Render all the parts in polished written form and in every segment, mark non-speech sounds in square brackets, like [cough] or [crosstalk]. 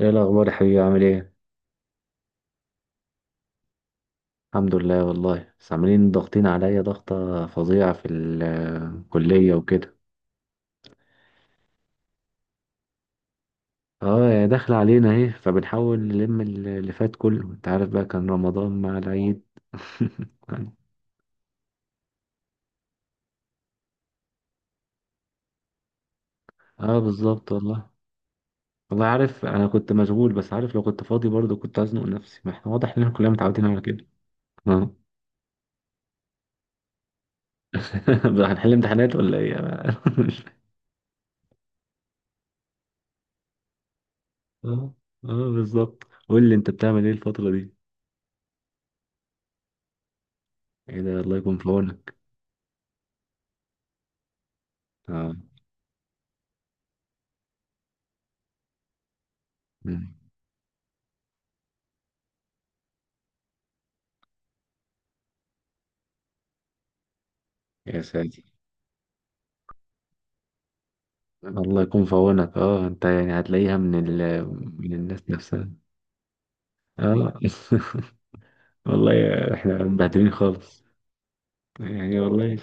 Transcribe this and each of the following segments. ايه الاخبار يا حبيبي؟ عامل ايه؟ الحمد لله والله، بس عاملين ضاغطين عليا ضغطه فظيعه في الكليه وكده. اه، يا داخله علينا اهي، فبنحاول نلم اللي فات كله، انت عارف بقى، كان رمضان مع العيد. [laughs] اه بالظبط والله. والله عارف، انا كنت مشغول، بس عارف لو كنت فاضي برضه كنت هزنق نفسي. ما احنا واضح اننا كلنا متعودين على كده. اه. [laughs] هنحل امتحانات ولا ايه؟ [laughs] مش فاهم. اه. اه بالظبط. قول لي انت بتعمل ايه الفتره دي؟ ايه ده، الله يكون في عونك. اه. يا ساتر. الله يكون في عونك. اه انت يعني هتلاقيها من من الناس نفسها. اه. [laughs] والله احنا مبهدلين خالص. يعني والله.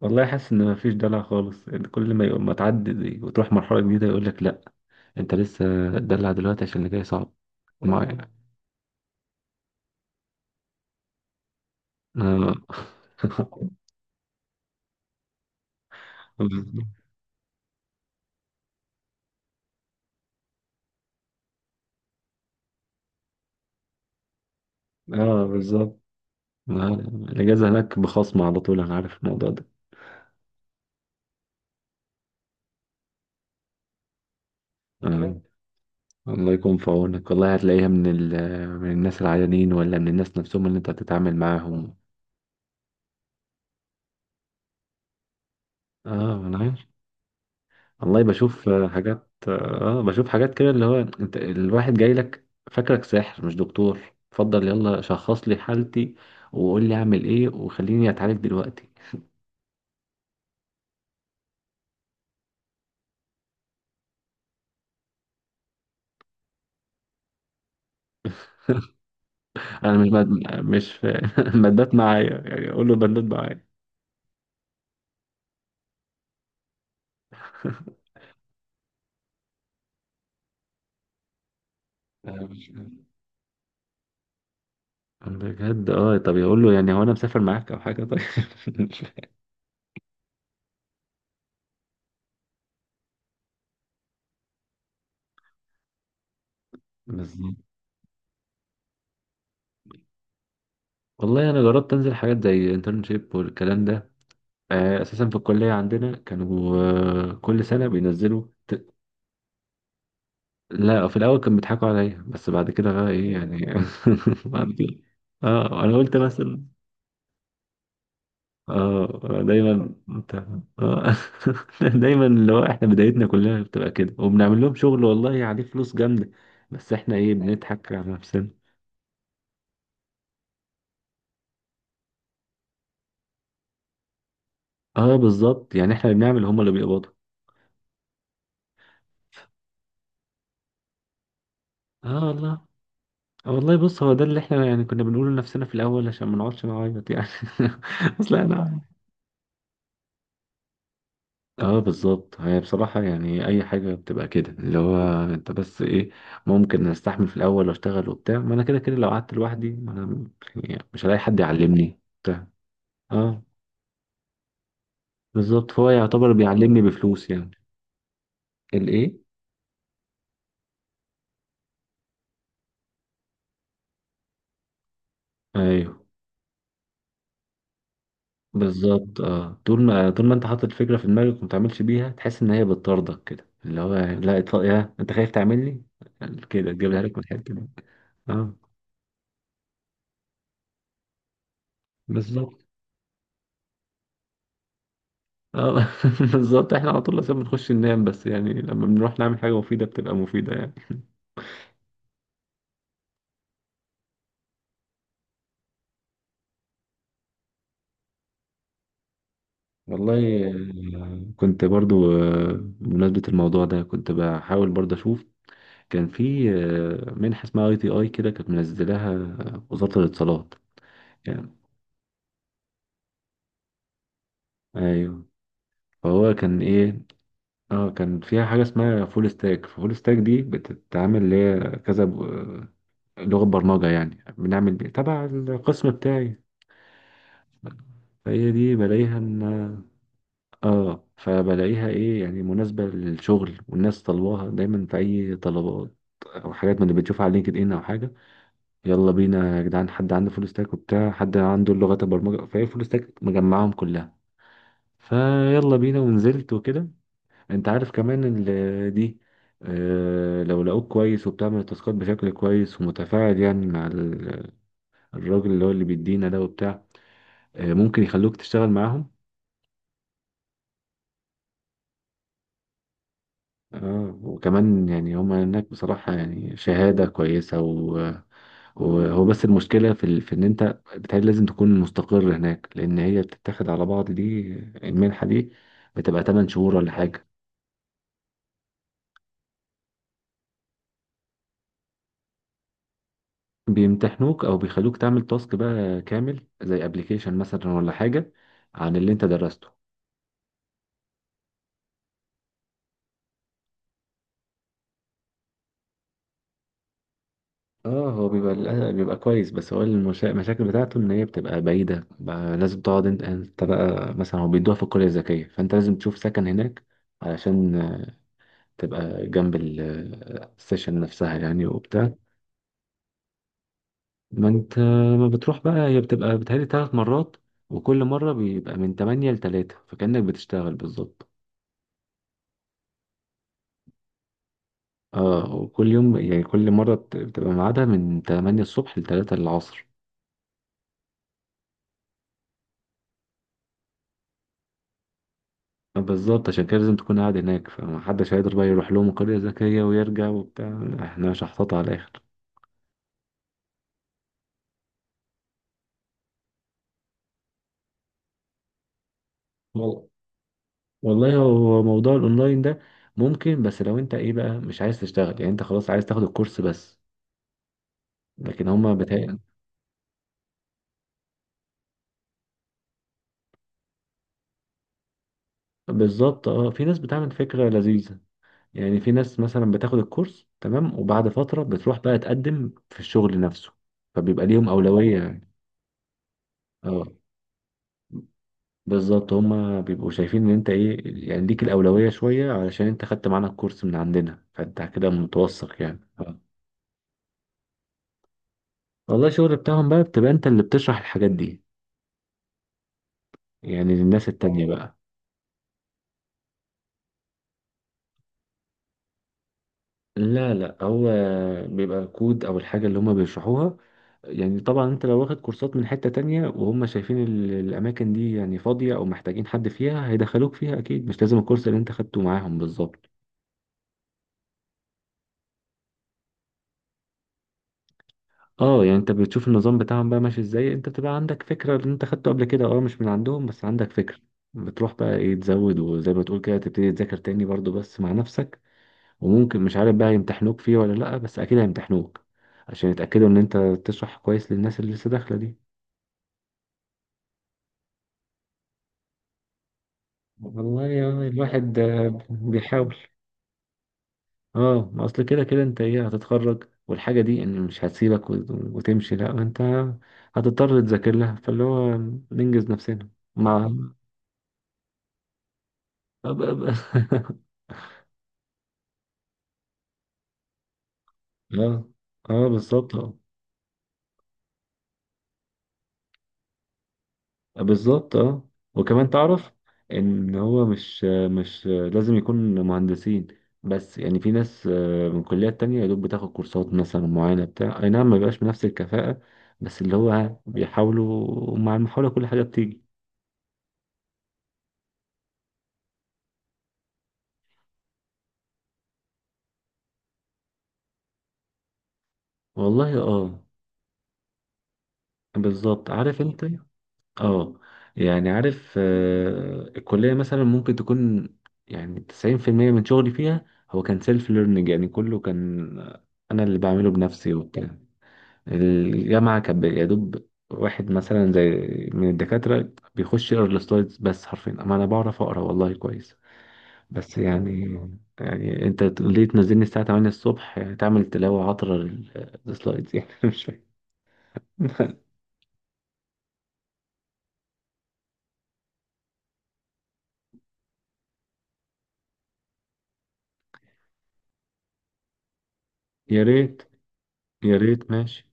والله حاسس ان مفيش دلع خالص، إن كل ما يقوم ما تعدي دي وتروح مرحله جديده يقول لك لا. انت لسه، دلع دلوقتي عشان اللي جاي صعب. ما يعني، اه. [laughs] اه بالظبط. آه، الاجازه هناك بخصم على طول، انا عارف الموضوع ده. آه. الله يكون في عونك. والله هتلاقيها من من الناس العيانين ولا من الناس نفسهم اللي انت هتتعامل معاهم. اه انا عارف. والله بشوف حاجات. اه بشوف حاجات كده، اللي هو انت الواحد جاي لك فاكرك ساحر مش دكتور. اتفضل يلا شخص لي حالتي، وقول لي اعمل ايه، وخليني اتعالج دلوقتي. انا مش مد... مش ف... [laughs] مدات معايا، يعني اقول له بندات معايا. [laughs] آه، مش- بجد. اه، طب يقول له يعني هو انا مسافر معاك او حاجه، طيب. [laughs] بالظبط. والله انا جربت انزل حاجات زي انترنشيب والكلام ده. اساسا في الكليه عندنا كانوا كل سنه لا، في الاول كانوا بيضحكوا عليا، بس بعد كده بقى ايه يعني. [laughs] بعد كده. اه انا قلت مثلا. اه دايما انت. اه. [laughs] دايما اللي هو احنا بدايتنا كلها بتبقى كده، وبنعمل لهم شغل والله عليه فلوس جامده. بس احنا ايه؟ بنضحك على نفسنا. اه بالظبط، يعني احنا اللي بنعمل هم اللي بيقبضوا. اه والله. والله بص، هو ده اللي احنا يعني كنا بنقوله لنفسنا في الاول عشان ما نقعدش نعيط يعني. [laughs] اصل انا. اه بالظبط. هي بصراحة يعني اي حاجة بتبقى كده، اللي هو انت بس ايه. ممكن استحمل في الاول واشتغل وبتاع، ما انا كده كده لو قعدت لوحدي ما انا، يعني مش هلاقي حد يعلمني بتاع اه بالظبط، فهو يعتبر بيعلمني بفلوس يعني. الايه؟ ايوه بالظبط. اه، طول ما انت حاطط الفكره في دماغك وما تعملش بيها تحس ان هي بتطاردك، كده اللي هو لا اطلع، يا انت خايف تعملني كده تجيبها لك من الحته دي. اه بالظبط. اه. [laughs] بالظبط، احنا على طول لازم بنخش ننام، بس يعني لما بنروح نعمل حاجه مفيده بتبقى مفيده يعني. والله. كنت برضو بمناسبة الموضوع ده، كنت بحاول برضو أشوف. كان في منحة اسمها ITI كده، كانت منزلاها وزارة الاتصالات يعني. أيوه. فهو كان إيه؟ اه كان فيها حاجة اسمها فول ستاك. فول ستاك دي بتتعامل اللي هي كذا لغة برمجة، يعني بنعمل بيه تبع القسم بتاعي. فهي دي بلاقيها ان، اه فبلاقيها ايه، يعني مناسبة للشغل، والناس طلبوها دايما في اي طلبات او حاجات، من اللي بتشوفها على لينكد ان او حاجة. يلا بينا يا جدعان، حد عنده فول ستاك وبتاع، حد عنده لغات البرمجة، فهي فول ستاك مجمعهم كلها، فيلا بينا، ونزلت وكده. انت عارف كمان دي لو لقوك كويس وبتعمل التاسكات بشكل كويس ومتفاعل يعني مع الراجل اللي هو اللي بيدينا ده وبتاع، ممكن يخلوك تشتغل معاهم. اه، وكمان يعني هما هناك بصراحة يعني شهادة كويسة، وهو بس المشكلة في، في إن أنت بتهيألي لازم تكون مستقر هناك، لأن هي بتتاخد على بعض دي، المنحة دي بتبقى 8 شهور ولا حاجة. بيمتحنوك او بيخلوك تعمل تاسك بقى كامل زي ابلكيشن مثلا ولا حاجه عن اللي انت درسته. اه هو بيبقى بيبقى كويس، بس هو المشاكل بتاعته ان هي بتبقى بعيده بقى، لازم تقعد انت بقى، مثلا هو بيدوها في القريه الذكيه، فانت لازم تشوف سكن هناك علشان تبقى جنب السيشن نفسها يعني وبتاع. ما انت، ما بتروح بقى، هي بتبقى بتهيألي 3 مرات، وكل مره بيبقى من 8 ل 3، فكأنك بتشتغل بالظبط. اه، وكل يوم يعني كل مرة بتبقى ميعادها من 8 الصبح ل 3 العصر. بالظبط، عشان كده لازم تكون قاعد هناك، فمحدش هيقدر بقى يروح لهم قرية ذكية ويرجع وبتاع. لا، احنا شحططة على الآخر. وال- والله هو موضوع الأونلاين ده ممكن، بس لو أنت إيه بقى مش عايز تشتغل يعني، أنت خلاص عايز تاخد الكورس بس، لكن هما بالظبط. اه، في ناس بتعمل فكرة لذيذة، يعني في ناس مثلا بتاخد الكورس تمام، وبعد فترة بتروح بقى تقدم في الشغل نفسه، فبيبقى ليهم أولوية يعني. اه بالظبط، هما بيبقوا شايفين ان انت ايه، يعني ليك الاولويه شويه علشان انت خدت معانا الكورس من عندنا، فانت كده متوثق يعني. والله الشغل بتاعهم بقى بتبقى انت اللي بتشرح الحاجات دي يعني للناس التانية بقى. لا لا، هو بيبقى كود او الحاجه اللي هما بيشرحوها. يعني طبعا انت لو واخد كورسات من حته تانية، وهم شايفين الاماكن دي يعني فاضيه او محتاجين حد فيها، هيدخلوك فيها اكيد، مش لازم الكورس اللي انت خدته معاهم بالظبط. اه، يعني انت بتشوف النظام بتاعهم بقى ماشي ازاي، انت بتبقى عندك فكرة اللي انت خدته قبل كده، اه مش من عندهم، بس عندك فكرة. بتروح بقى ايه تزود، وزي ما تقول كده تبتدي تذاكر تاني برضو بس مع نفسك. وممكن مش عارف بقى يمتحنوك فيه ولا لأ، بس اكيد هيمتحنوك عشان يتأكدوا ان انت تشرح كويس للناس اللي لسه داخلة دي. والله يا الواحد، بيحاول. اه، ما اصل كده كده انت ايه، هتتخرج والحاجة دي ان مش هتسيبك وتمشي، لأ انت هتضطر تذاكر لها، فاللي هو ننجز نفسنا مع. اه [laughs] اه. اه بالظبط. اه بالظبط. اه وكمان تعرف ان هو مش لازم يكون مهندسين، بس يعني في ناس من كليات تانية يا دوب بتاخد كورسات مثلا معينة بتاع اي نعم ما بيبقاش بنفس الكفاءة، بس اللي هو بيحاولوا، مع المحاولة كل حاجة بتيجي. والله اه بالظبط. عارف انت. اه يعني عارف، الكلية مثلا ممكن تكون، يعني 90% من شغلي فيها هو كان سيلف ليرنينج، يعني كله كان أنا اللي بعمله بنفسي وبتاع. الجامعة كان يا دوب واحد مثلا زي، من الدكاترة بيخش يقرا السلايدز بس حرفيا. أما أنا بعرف أقرا والله كويس. بس يعني، يعني أنت ليه تنزلني الساعة 8 الصبح يعني تعمل تلاوة عطرة للسلايدز يعني؟ [laughs] مش فاهم. يا ريت. يا ريت ماشي.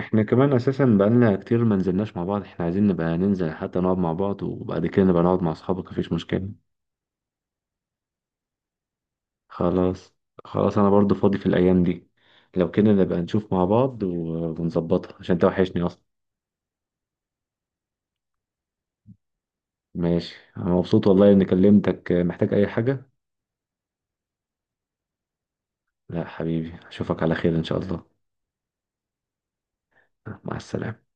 احنا كمان اساسا بقالنا كتير ما نزلناش مع بعض، احنا عايزين نبقى ننزل حتى نقعد مع بعض، وبعد كده نبقى نقعد مع اصحابك مفيش مشكلة. خلاص. خلاص انا برضو فاضي في الايام دي، لو كده نبقى نشوف مع بعض ونظبطها، عشان انت وحشني اصلا. ماشي، انا مبسوط والله اني كلمتك. محتاج اي حاجة؟ لا حبيبي، اشوفك على خير ان شاء الله. مع السلامة